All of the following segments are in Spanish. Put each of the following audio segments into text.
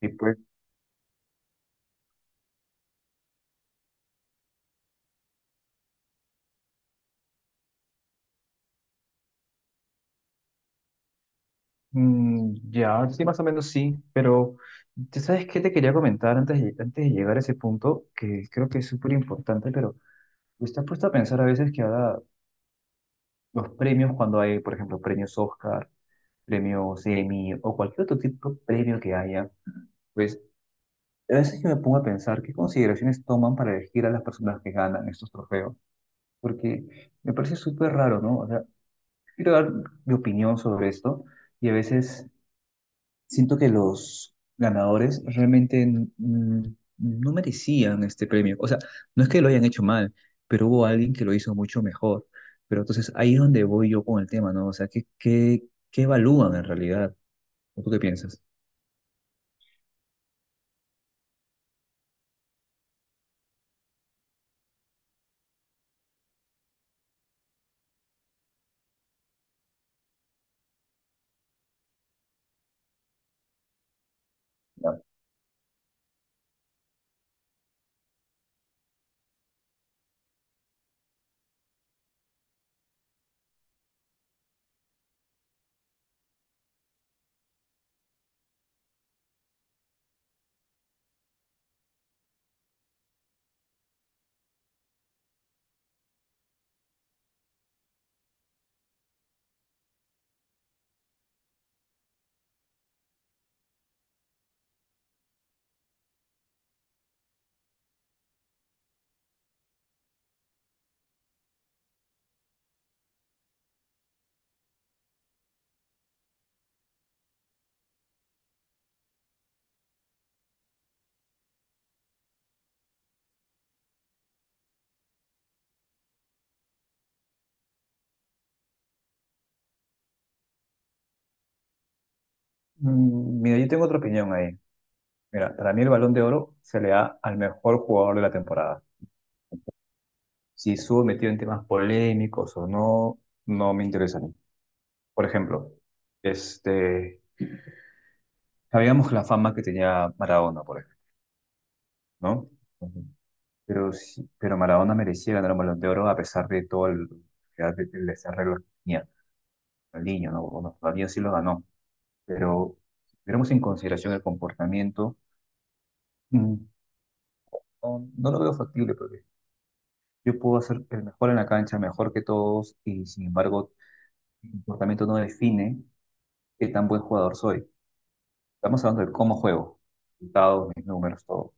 Sí, pues, mm, ya, sí, más o menos sí, pero ¿tú ¿sabes qué te quería comentar antes de llegar a ese punto. Que creo que es súper importante, pero ¿estás puesto a pensar a veces que ahora los premios, cuando hay, por ejemplo, premios Oscar, premios Emmy o cualquier otro tipo de premio que haya, pues a veces yo me pongo a pensar qué consideraciones toman para elegir a las personas que ganan estos trofeos? Porque me parece súper raro, ¿no? O sea, quiero dar mi opinión sobre esto y a veces siento que los ganadores realmente mm, no merecían este premio. O sea, no es que lo hayan hecho mal, pero hubo alguien que lo hizo mucho mejor. Pero entonces ahí es donde voy yo con el tema, ¿no? O sea, ¿qué evalúan en realidad? ¿O tú qué piensas? Ya. Mira, yo tengo otra opinión ahí. Mira, para mí el Balón de Oro se le da al mejor jugador de la temporada. Si estuvo metido en temas polémicos o no, no me interesa a mí. Por ejemplo, este, sabíamos la fama que tenía Maradona, por ejemplo. ¿No? Ujú. Pero Maradona merecía ganar un Balón de Oro a pesar de todo el que tenía. Ronaldinho, ¿no? Bueno, todavía sí lo ganó, pero si tuviéramos en consideración el comportamiento, mm, no, no lo veo factible, porque yo puedo hacer el mejor en la cancha, mejor que todos, y sin embargo, mi comportamiento no define qué tan buen jugador soy. Estamos hablando de cómo juego, resultados, mis números, todo.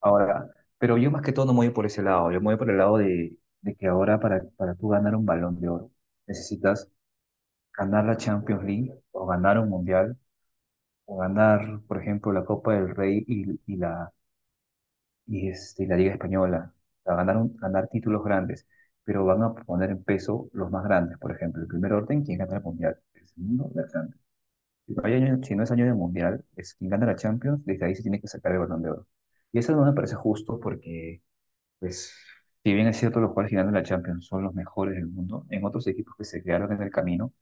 Ahora, pero yo más que todo no me voy por ese lado, yo me voy por el lado de que ahora para tú ganar un balón de oro necesitas ganar la Champions League o ganar un Mundial o ganar, por ejemplo, la Copa del Rey y la Liga Española, o sea, ganar títulos grandes, pero van a poner en peso los más grandes, por ejemplo, el primer orden, quien gana el Mundial; el segundo, la Champions. Si no hay año- si no es año de Mundial, es quien gana la Champions, desde ahí se tiene que sacar el balón de oro. Y eso no me parece justo, porque... Pues, si bien es cierto, los jugadores que ganan la Champions son los mejores del mundo, en otros equipos que se quedaron en el camino,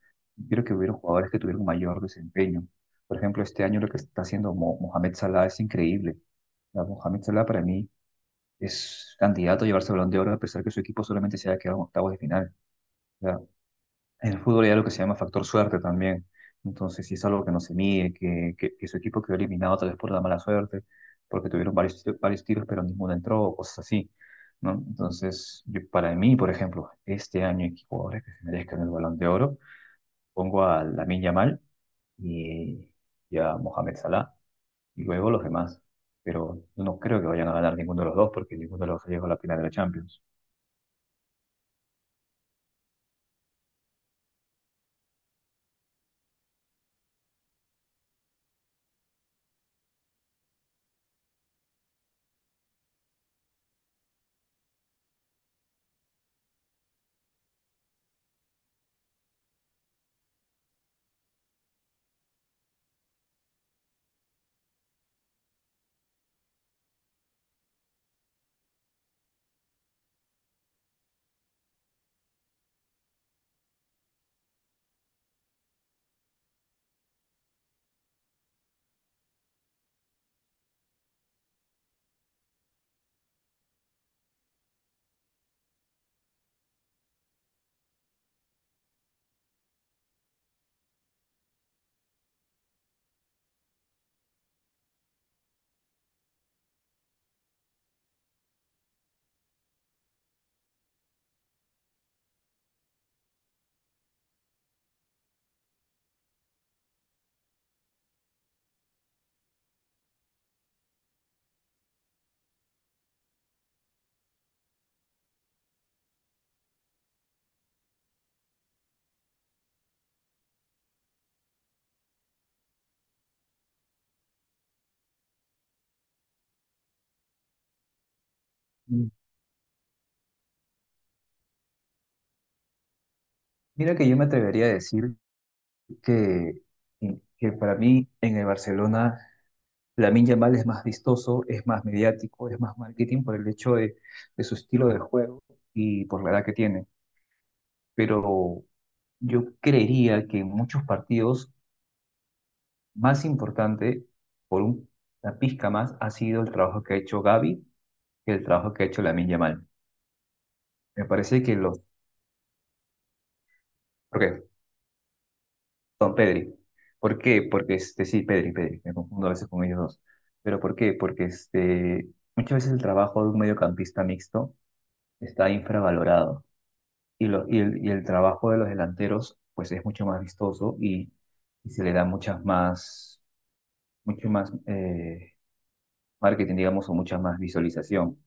creo que hubieron jugadores que tuvieron mayor desempeño. Por ejemplo, este año lo que está haciendo Mohamed Salah es increíble. O Mohamed Salah para mí es candidato a llevarse el Balón de Oro, a pesar que su equipo solamente se haya quedado en octavos de final. En el fútbol hay algo que se llama factor suerte también. Entonces, si es algo que no se mide, que su equipo quedó eliminado tal vez por la mala suerte, porque tuvieron varios tiros, pero ninguno entró, o cosas así, ¿no? Entonces, para mí, por ejemplo, este año hay jugadores que se merezcan el Balón de Oro. Pongo a Lamine Yamal y, y a Mohamed Salah, y luego los demás. Pero no creo que vayan a ganar ninguno de los dos, porque ninguno de los dos llegó a la final de la Champions. Mm. Mira que yo me atrevería a decir que, que para mí en el Barcelona Lamine Yamal es más vistoso, es más mediático, es más marketing por el hecho de, su estilo de juego y por la edad que tiene. Pero yo creería que en muchos partidos más importante, por una pizca más, ha sido el trabajo que ha hecho Gavi que el trabajo que ha hecho Lamine Yamal. Me parece que los, porque Don Pedri. ¿Por qué? Porque sí, Pedri, Pedri, me confundo a veces con ellos dos. Pero ¿por qué? Porque muchas veces el trabajo de un mediocampista mixto está infravalorado y el trabajo de los delanteros pues es mucho más vistoso y se le da muchas más, mucho más, marketing, digamos, o mucha más visualización,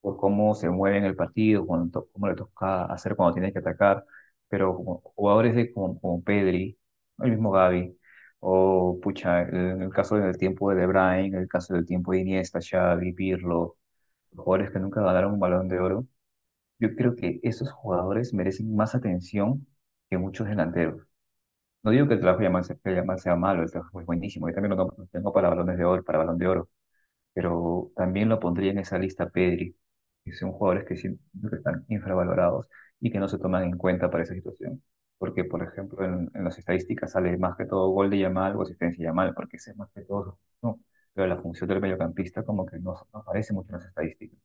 por cómo se mueve en el partido, cómo le toca hacer cuando tienes que atacar, pero como jugadores como Pedri, el mismo Gavi, o pucha, en el caso del tiempo de De Bruyne, en el caso del tiempo de Iniesta, Xavi, Pirlo, jugadores que nunca ganaron un Balón de Oro, yo creo que esos jugadores merecen más atención que muchos delanteros. No digo que el trabajo de Yamal sea, que Yamal sea malo, el trabajo es buenísimo, yo también lo tengo para balones de oro, para balón de oro, pero también lo pondría en esa lista Pedri, que son jugadores que siento que están infravalorados y que no se toman en cuenta para esa situación. Porque, por ejemplo, en las estadísticas sale más que todo gol de Yamal o asistencia de Yamal, porque ese es más que todo, ¿no? Pero la función del mediocampista como que no aparece mucho en las estadísticas.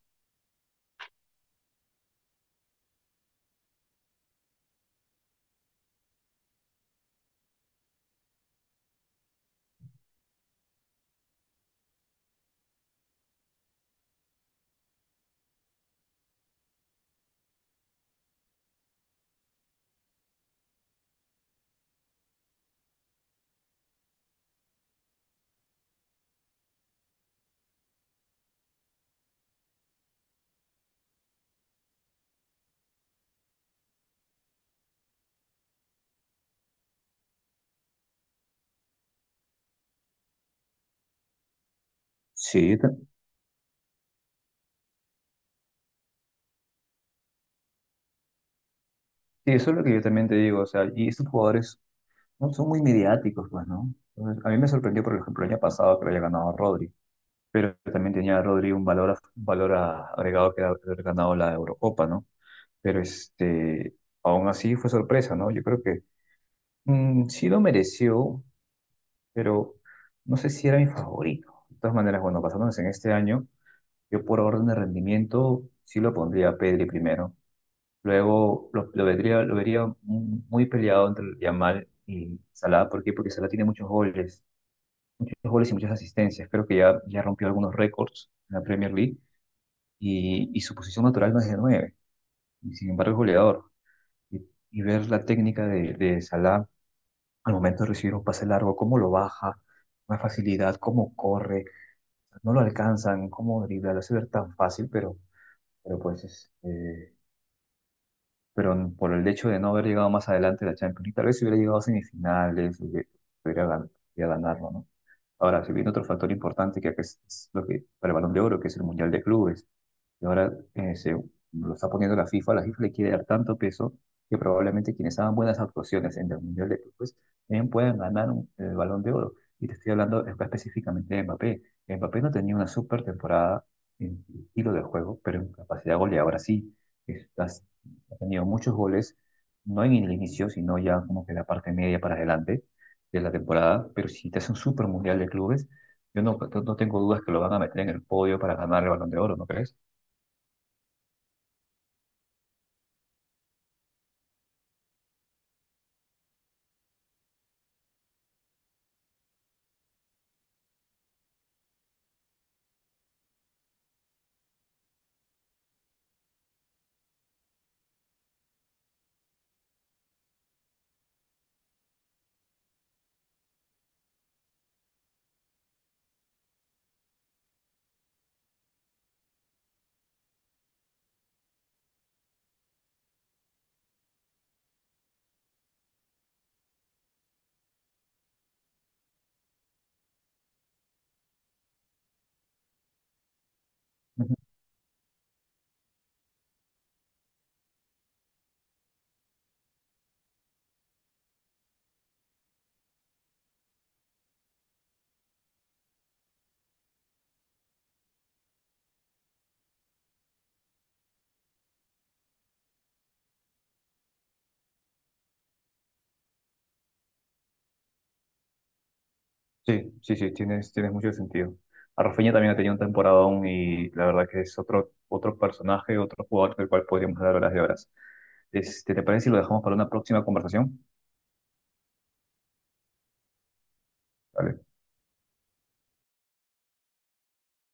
Sí, eso es lo que yo también te digo, o sea, y estos jugadores no son muy mediáticos, pues, ¿no? Entonces, a mí me sorprendió, por ejemplo, el año pasado que lo haya ganado Rodri, pero también tenía Rodri un valor agregado, que era haber ganado la Eurocopa, ¿no? Pero aún así fue sorpresa, ¿no? Yo creo que sí lo mereció, pero no sé si era mi favorito. De todas maneras, bueno, basándonos en este año, yo por orden de rendimiento sí lo pondría a Pedri primero. Luego lo vería muy peleado entre Yamal y Salah. ¿Por qué? Porque Salah tiene muchos goles y muchas asistencias. Creo que ya rompió algunos récords en la Premier League. Y su posición natural no es de 9 y, sin embargo, es goleador. Y, y ver la técnica de, Salah al momento de recibir un pase largo, cómo lo baja, una facilidad, cómo corre, no lo alcanzan, cómo dribla, lo hace ver tan fácil, pero pues es, eh, pero por el hecho de no haber llegado más adelante a la Champions League, tal vez si hubiera llegado a semifinales, hubiera gan- hubiera ganarlo, ¿no? Ahora, si viene otro factor importante que acá es lo que para el Balón de Oro, que es el Mundial de Clubes, y ahora se lo está poniendo la FIFA le quiere dar tanto peso que probablemente quienes hagan buenas actuaciones en el Mundial de Clubes también puedan ganar el Balón de Oro. Y te estoy hablando específicamente de Mbappé. Mbappé no tenía una super temporada en estilo de juego, pero en capacidad goleadora sí ha tenido muchos goles, no en el inicio, sino ya como que la parte media para adelante de la temporada, pero si te hace un super mundial de clubes, yo no tengo dudas que lo van a meter en el podio para ganar el Balón de Oro, ¿no crees? Ujú. Sí, sí, sí, tienes mucho sentido. A Rafinha también ha tenido un temporadón y la verdad que es otro personaje, otro jugador del cual podríamos dar horas de horas. ¿Te parece si lo dejamos para una próxima conversación? Vale.